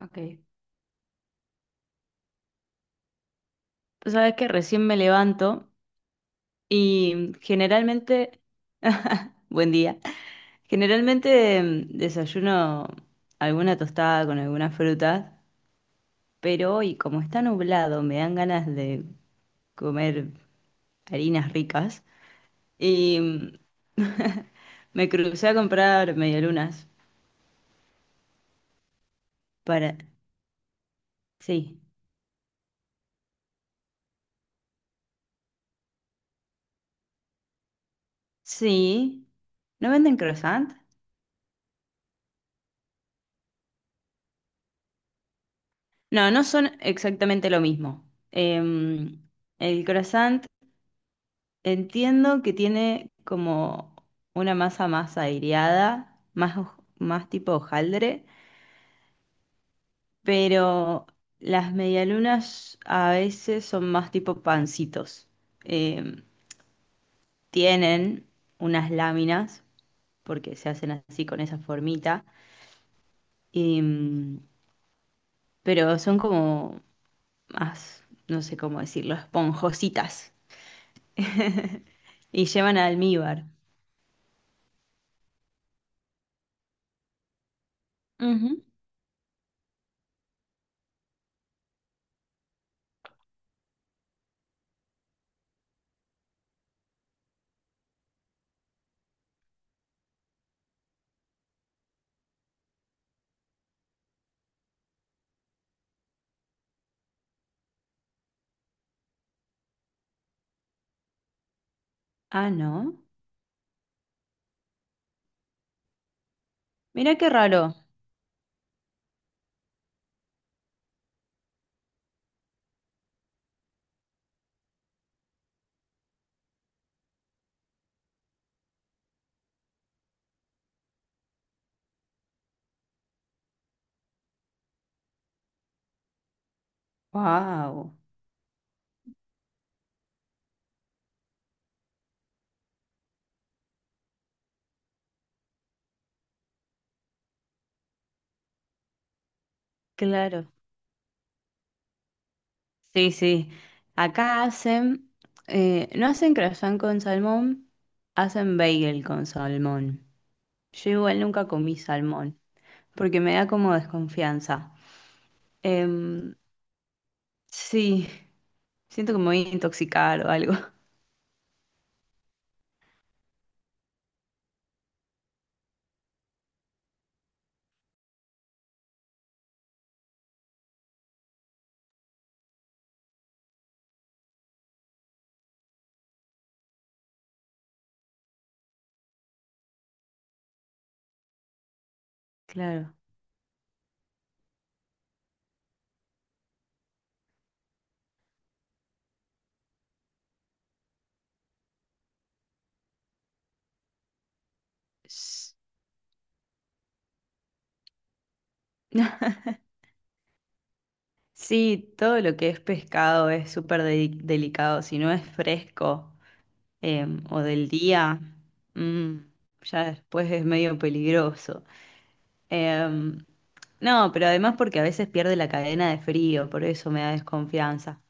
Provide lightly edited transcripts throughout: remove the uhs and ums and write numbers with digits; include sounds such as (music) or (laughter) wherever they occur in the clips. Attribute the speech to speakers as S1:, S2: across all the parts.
S1: Ok. Tú sabes que recién me levanto y generalmente, buen día, generalmente desayuno alguna tostada con alguna fruta, pero hoy como está nublado me dan ganas de comer harinas ricas y me crucé a comprar medialunas para... Sí, sí. ¿No venden croissant? No, no son exactamente lo mismo. Em, el croissant entiendo que tiene como una masa más aireada, más, más tipo hojaldre, pero las medialunas a veces son más tipo pancitos. Eh, tienen unas láminas, porque se hacen así con esa formita, em, pero son como más, no sé cómo decirlo, esponjositas y llevan almíbar. Ujú. Ah, no. Mira qué raro. Wow. Claro. Sí, sí. Acá hacen, no hacen croissant con salmón, hacen bagel con salmón. Yo igual nunca comí salmón, porque me da como desconfianza. Em, sí, siento que me voy a intoxicar o algo. (laughs) Claro. S- (laughs) Sí, todo lo que es pescado es súper delicado. Si no es fresco, o del día, mm, ya después es medio peligroso. Em, no, pero además porque a veces pierde la cadena de frío, por eso me da desconfianza.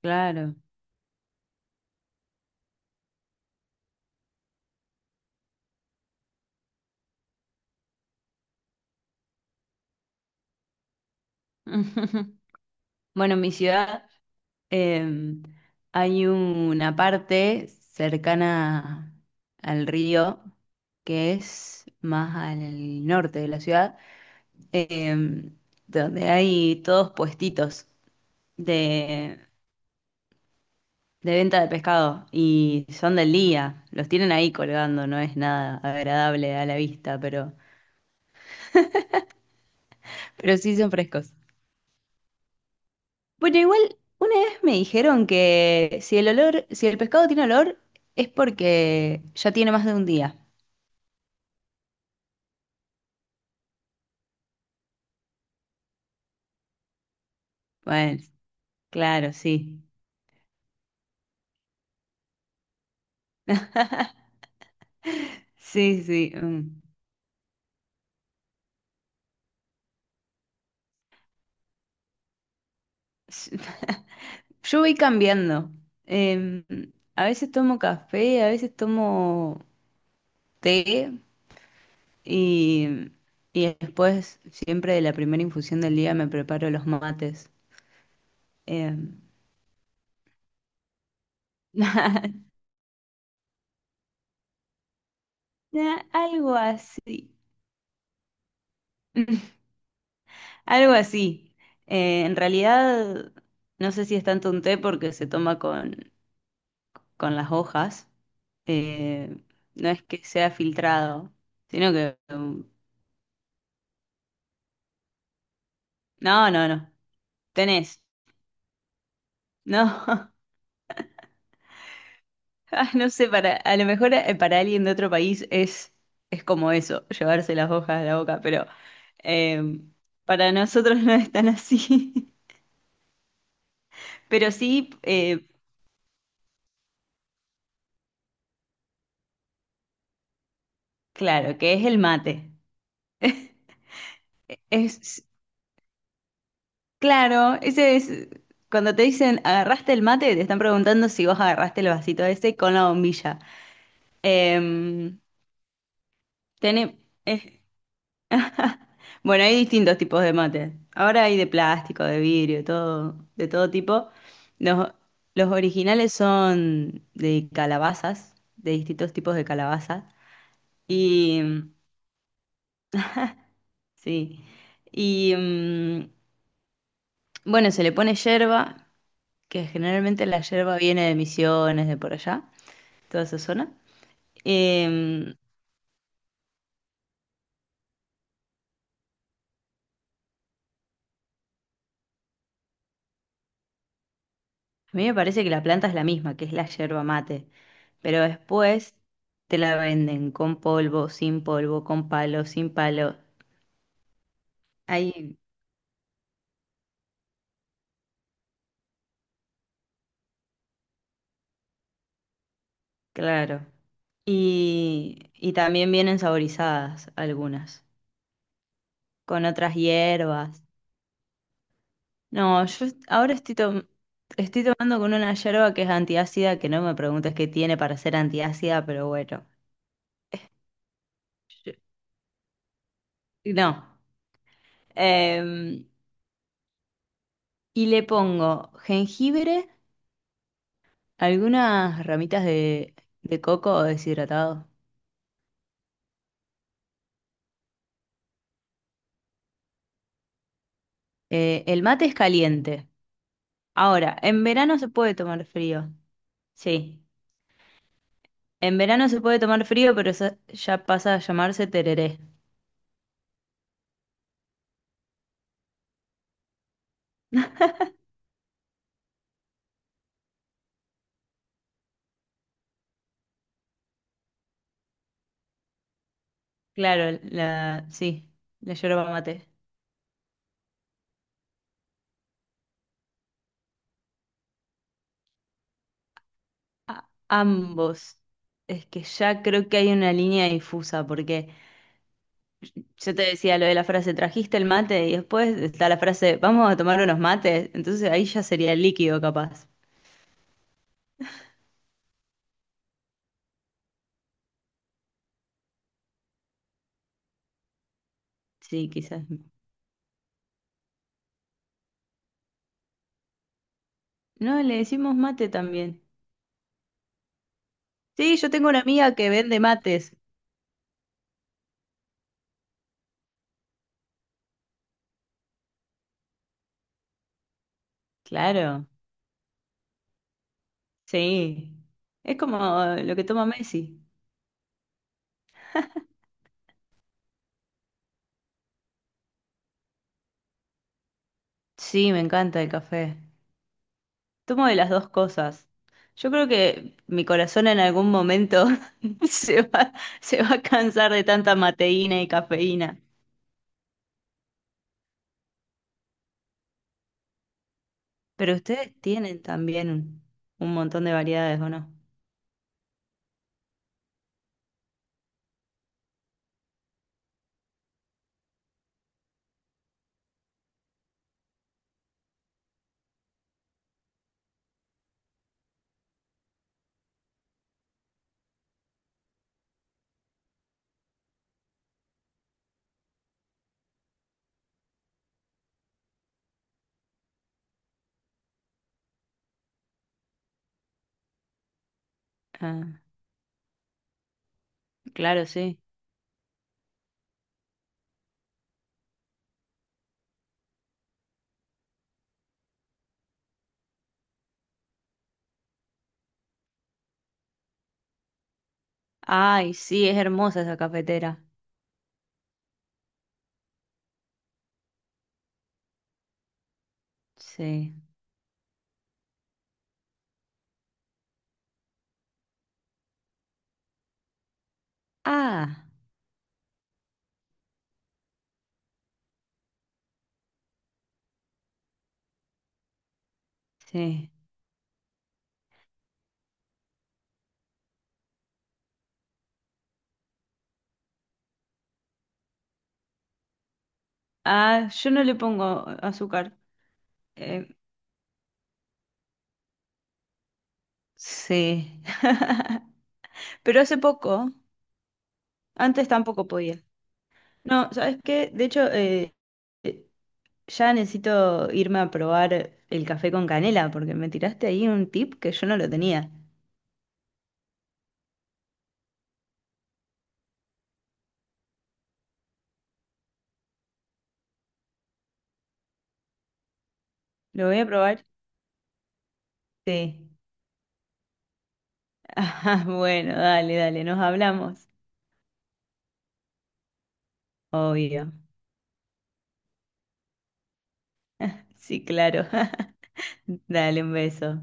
S1: Claro. (laughs) Bueno, en mi ciudad em, hay una parte cercana al río que es más al norte de la ciudad, em, donde hay todos puestitos de, de venta de pescado y son del día, los tienen ahí colgando, no es nada agradable a la vista, pero sí son frescos. Bueno, igual una vez me dijeron que si el olor, si el pescado tiene olor, es porque ya tiene más de un día. Bueno, claro, sí. (laughs) Sí, sí. Mm. (laughs) Yo voy cambiando. Em, a veces tomo café, a veces tomo té y, y después siempre de la primera infusión del día me preparo los mates. Em, (laughs) algo así. (laughs) Algo así. En realidad, no sé si es tanto un té porque se toma con las hojas. Eh, no es que sea filtrado, sino que... no, no, no. Tenés. No. (laughs) Ah, no sé, para, a lo mejor para alguien de otro país es como eso, llevarse las hojas a la boca, pero eh, para nosotros (laughs) no es tan así. (laughs) Pero sí, claro, que es el mate. Es, claro, ese es cuando te dicen agarraste el mate, te están preguntando si vos agarraste el vasito ese con la bombilla. Em, tene- es- (laughs) bueno, hay distintos tipos de mate. Ahora hay de plástico, de vidrio, todo, de todo tipo. Los, los originales son de calabazas, de distintos tipos de calabazas. Y mm, sí. Y mm, bueno, se le pone yerba, que generalmente la yerba viene de Misiones, de por allá, toda esa zona. Eh, a mí me parece que la planta es la misma, que es la yerba mate, pero después te la venden con polvo, sin polvo, con palo, sin palo. Ahí, claro. Y también vienen saborizadas algunas, con otras hierbas. No, yo ahora estoy tomando con una yerba que es antiácida, que no me preguntes qué tiene para ser antiácida, pero bueno. Yo- no. Em, y le pongo jengibre. Algunas ramitas de coco o deshidratado. El mate es caliente. Ahora, en verano se puede tomar frío. Sí, en verano se puede tomar frío, pero eso ya pasa a llamarse tereré. Claro, la, sí, la yerba mate. A- ambos. Es que ya creo que hay una línea difusa, porque yo te decía lo de la frase, trajiste el mate, y después está la frase, vamos a tomar unos mates. Entonces ahí ya sería líquido, capaz. Sí, quizás. No, le decimos mate también. Sí, yo tengo una amiga que vende mates. Claro, sí. Es como lo que toma Messi. Sí, me encanta el café. Tomo de las dos cosas. Yo creo que mi corazón en algún momento (laughs) se va, se va a cansar de tanta mateína y cafeína. Pero ustedes tienen también un montón de variedades, ¿o no? Ah, claro, sí. Ay, sí, es hermosa esa cafetera. Sí. Ah, sí. Ah, yo no le pongo azúcar. Eh, sí. (laughs) Pero hace poco, antes tampoco podía. No, ¿sabes qué? De hecho, eh, ya necesito irme a probar el café con canela, porque me tiraste ahí un tip que yo no lo tenía. ¿Lo voy a probar? Sí. (laughs) Ah, bueno, dale, dale, nos hablamos. Obvio. Sí, claro. (laughs) Dale un beso.